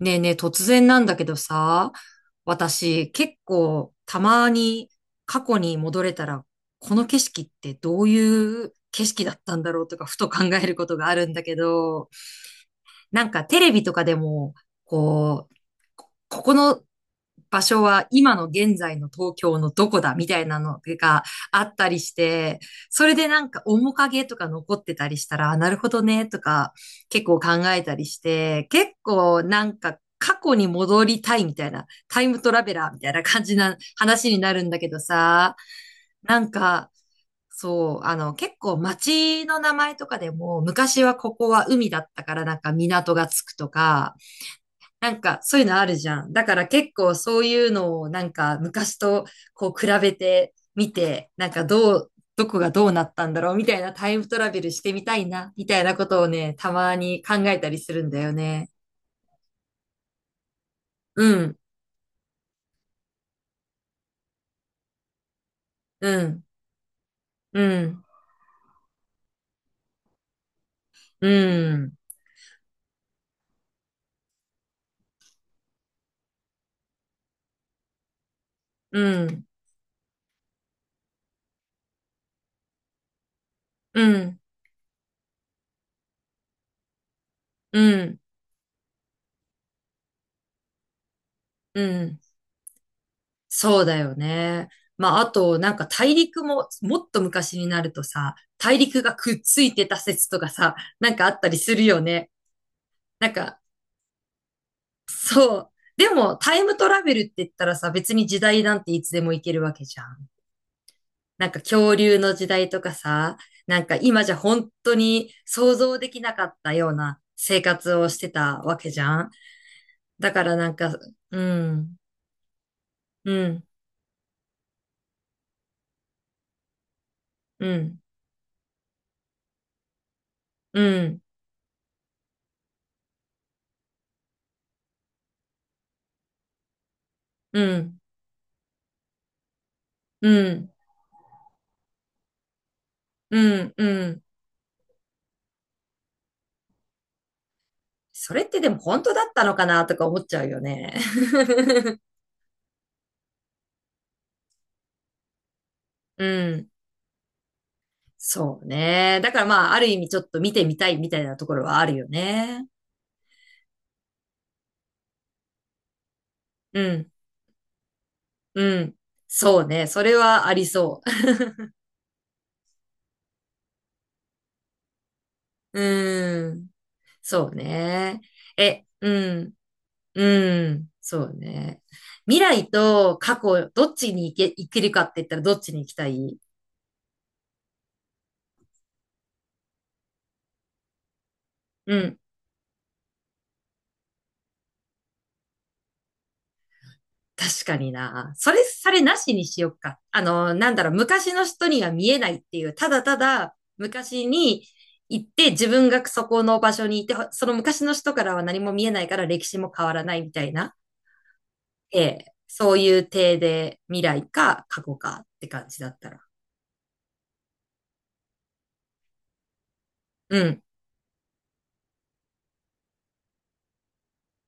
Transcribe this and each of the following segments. ねえねえ、突然なんだけどさ、私結構たまに過去に戻れたら、この景色ってどういう景色だったんだろうとか、ふと考えることがあるんだけど、テレビとかでも、こう、ここの場所は今の現在の東京のどこだみたいなのがあったりして、それで面影とか残ってたりしたら、あ、なるほどねとか結構考えたりして、結構過去に戻りたいみたいな、タイムトラベラーみたいな感じな話になるんだけどさ、なんか、結構街の名前とかでも、昔はここは海だったから港がつくとか、そういうのあるじゃん。だから結構そういうのを昔とこう比べてみて、どこがどうなったんだろうみたいなタイムトラベルしてみたいな、みたいなことをね、たまに考えたりするんだよね。うん、うん、うん、うん、うん、うん、うん、うん。そうだよね。まあ、あと、大陸も、もっと昔になるとさ、大陸がくっついてた説とかさ、なんかあったりするよね。なんか、そう。でも、タイムトラベルって言ったらさ、別に時代なんていつでも行けるわけじゃん。なんか恐竜の時代とかさ、なんか今じゃ本当に想像できなかったような生活をしてたわけじゃん。だからなんか、うん、うん、うん、うん、うん、うん、うん、うん。それってでも本当だったのかなとか思っちゃうよね。うん。そうね。だからまあ、ある意味ちょっと見てみたいみたいなところはあるよね。うん。うん。そうね。それはありそう。うん。そうね。え、うん。うん。そうね。未来と過去、どっちに行け、行けるかって言ったらどっちに行きたい？うん。確かにな。それ、それなしにしよっか。あの、なんだろう、昔の人には見えないっていう、ただただ昔に行って自分がそこの場所にいて、ほその昔の人からは何も見えないから歴史も変わらないみたいな。ええ、そういう体で未来か過去かって感じだったら。うん、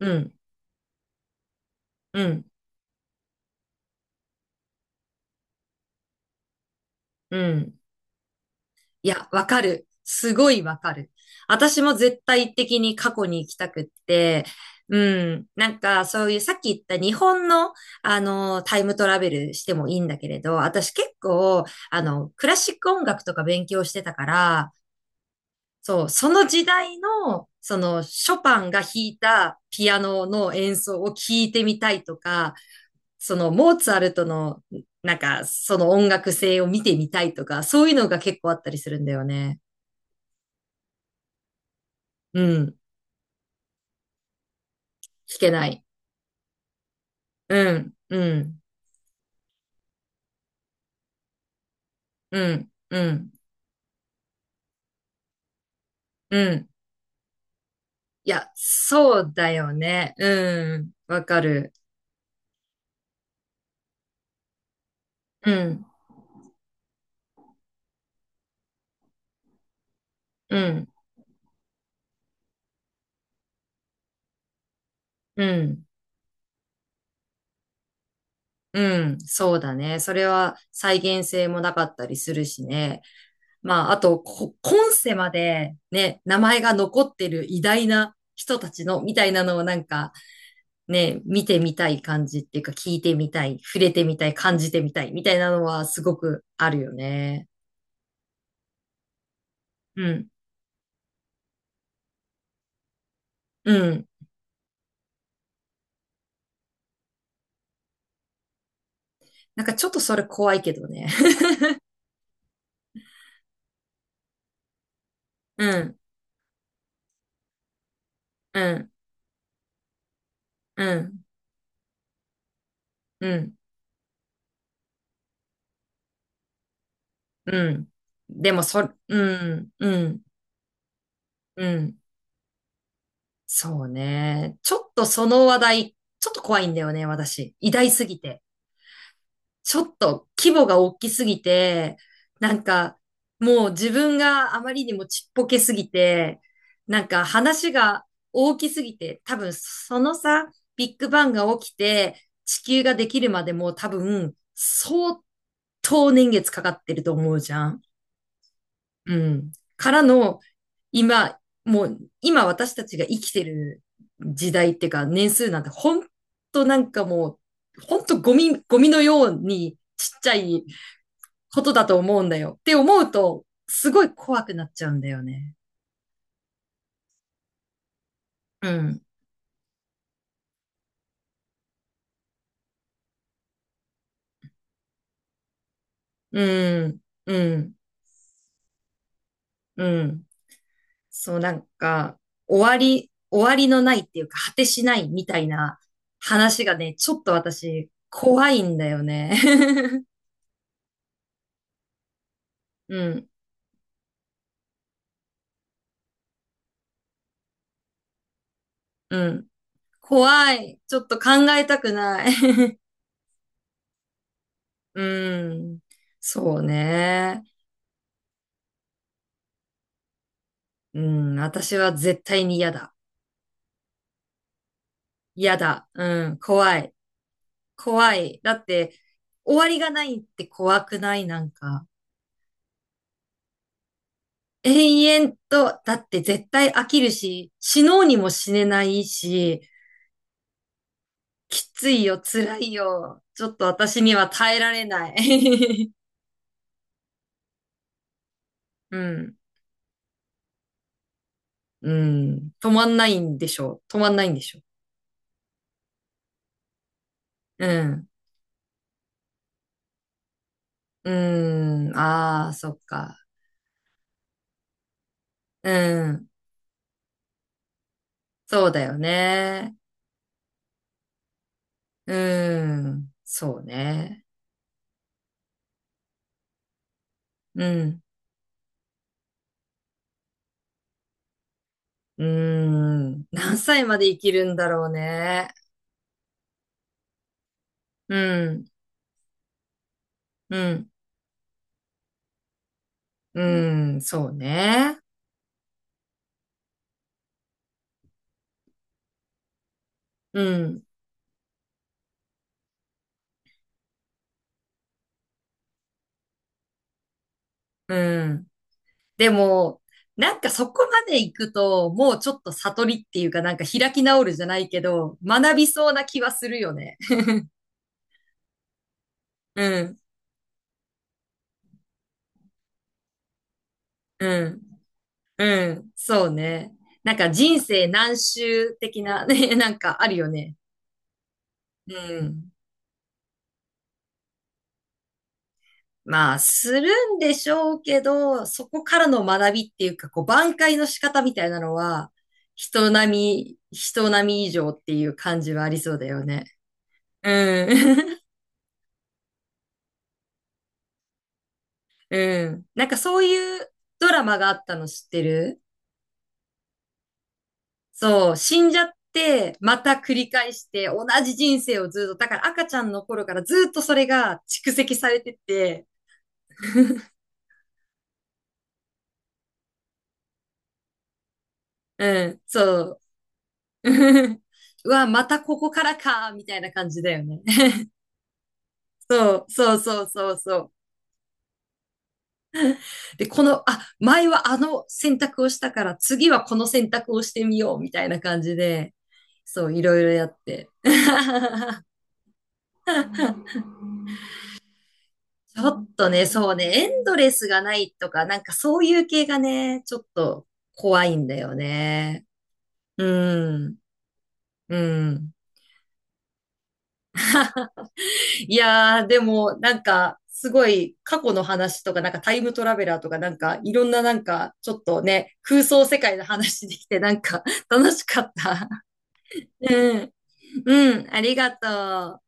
うん、うん、うん。いや、わかる。すごいわかる。私も絶対的に過去に行きたくって、うん。なんか、そういうさっき言った日本の、あの、タイムトラベルしてもいいんだけれど、私結構、あの、クラシック音楽とか勉強してたから、そう、その時代の、その、ショパンが弾いたピアノの演奏を聞いてみたいとか、そのモーツァルトの、なんか、その音楽性を見てみたいとか、そういうのが結構あったりするんだよね。うん。聞けない。うん、うん、うん、うん、うん。いや、そうだよね。うん。わかる。うん、うん、うん、うん。そうだね。それは再現性もなかったりするしね。まあ、あと、こ今世までね、名前が残ってる偉大な人たちの、みたいなのをなんか、ね、見てみたい感じっていうか、聞いてみたい、触れてみたい、感じてみたい、みたいなのはすごくあるよね。うん、うん。なんかちょっとそれ怖いけどね。うん、うん、うん、うん、うん。でもそ、うん、うん、うん。そうね。ちょっとその話題、ちょっと怖いんだよね、私。偉大すぎて。ちょっと規模が大きすぎて、なんかもう自分があまりにもちっぽけすぎて、話が大きすぎて、多分そのさ、ビッグバンが起きて地球ができるまでも多分相当年月かかってると思うじゃん。うん。からの今、もう今私たちが生きてる時代っていうか年数なんて本当なんかもう、ほんとゴミ、ゴミのようにちっちゃいことだと思うんだよ。って思うと、すごい怖くなっちゃうんだよね。うん。うん。うん。うん。そう、なんか、終わり、終わりのないっていうか、果てしないみたいな話がね、ちょっと私、怖いんだよね。うん。うん。怖い。ちょっと考えたくない。うん。そうね。うん。私は絶対に嫌だ。嫌だ。うん。怖い。怖い。だって、終わりがないって怖くないなんか。永遠と、だって絶対飽きるし、死のうにも死ねないし、きついよ、辛いよ。ちょっと私には耐えられない。うん。うん。止まんないんでしょう？止まんないんでしょう？うん。うん。ああ、そっか。うん。そうだよね。うん。そうね。うん。うん。何歳まで生きるんだろうね。うん、うん、うん、そうね。うん、うん。でも、なんかそこまで行くと、もうちょっと悟りっていうか、なんか開き直るじゃないけど、学びそうな気はするよね。うん、うん、うん、そうね。なんか人生何周的なね、なんかあるよね。うん。まあ、するんでしょうけど、そこからの学びっていうか、こう、挽回の仕方みたいなのは、人並み以上っていう感じはありそうだよね。うん。うん。なんかそういうドラマがあったの知ってる？そう、死んじゃって、また繰り返して、同じ人生をずっと、だから赤ちゃんの頃からずっとそれが蓄積されてて、うん、そう。うわ、またここからか、みたいな感じだよね。そうそうそうそう。で、この、あ、前はあの選択をしたから、次はこの選択をしてみよう、みたいな感じで、そう、いろいろやって。ちょっとね、そうね、エンドレスがないとか、なんかそういう系がね、ちょっと怖いんだよね。うん、うん。いやー、でも、なんか、すごい過去の話とか、なんかタイムトラベラーとか、いろんな、ちょっとね、空想世界の話できて、なんか 楽しかった。うん。うん。ありがとう。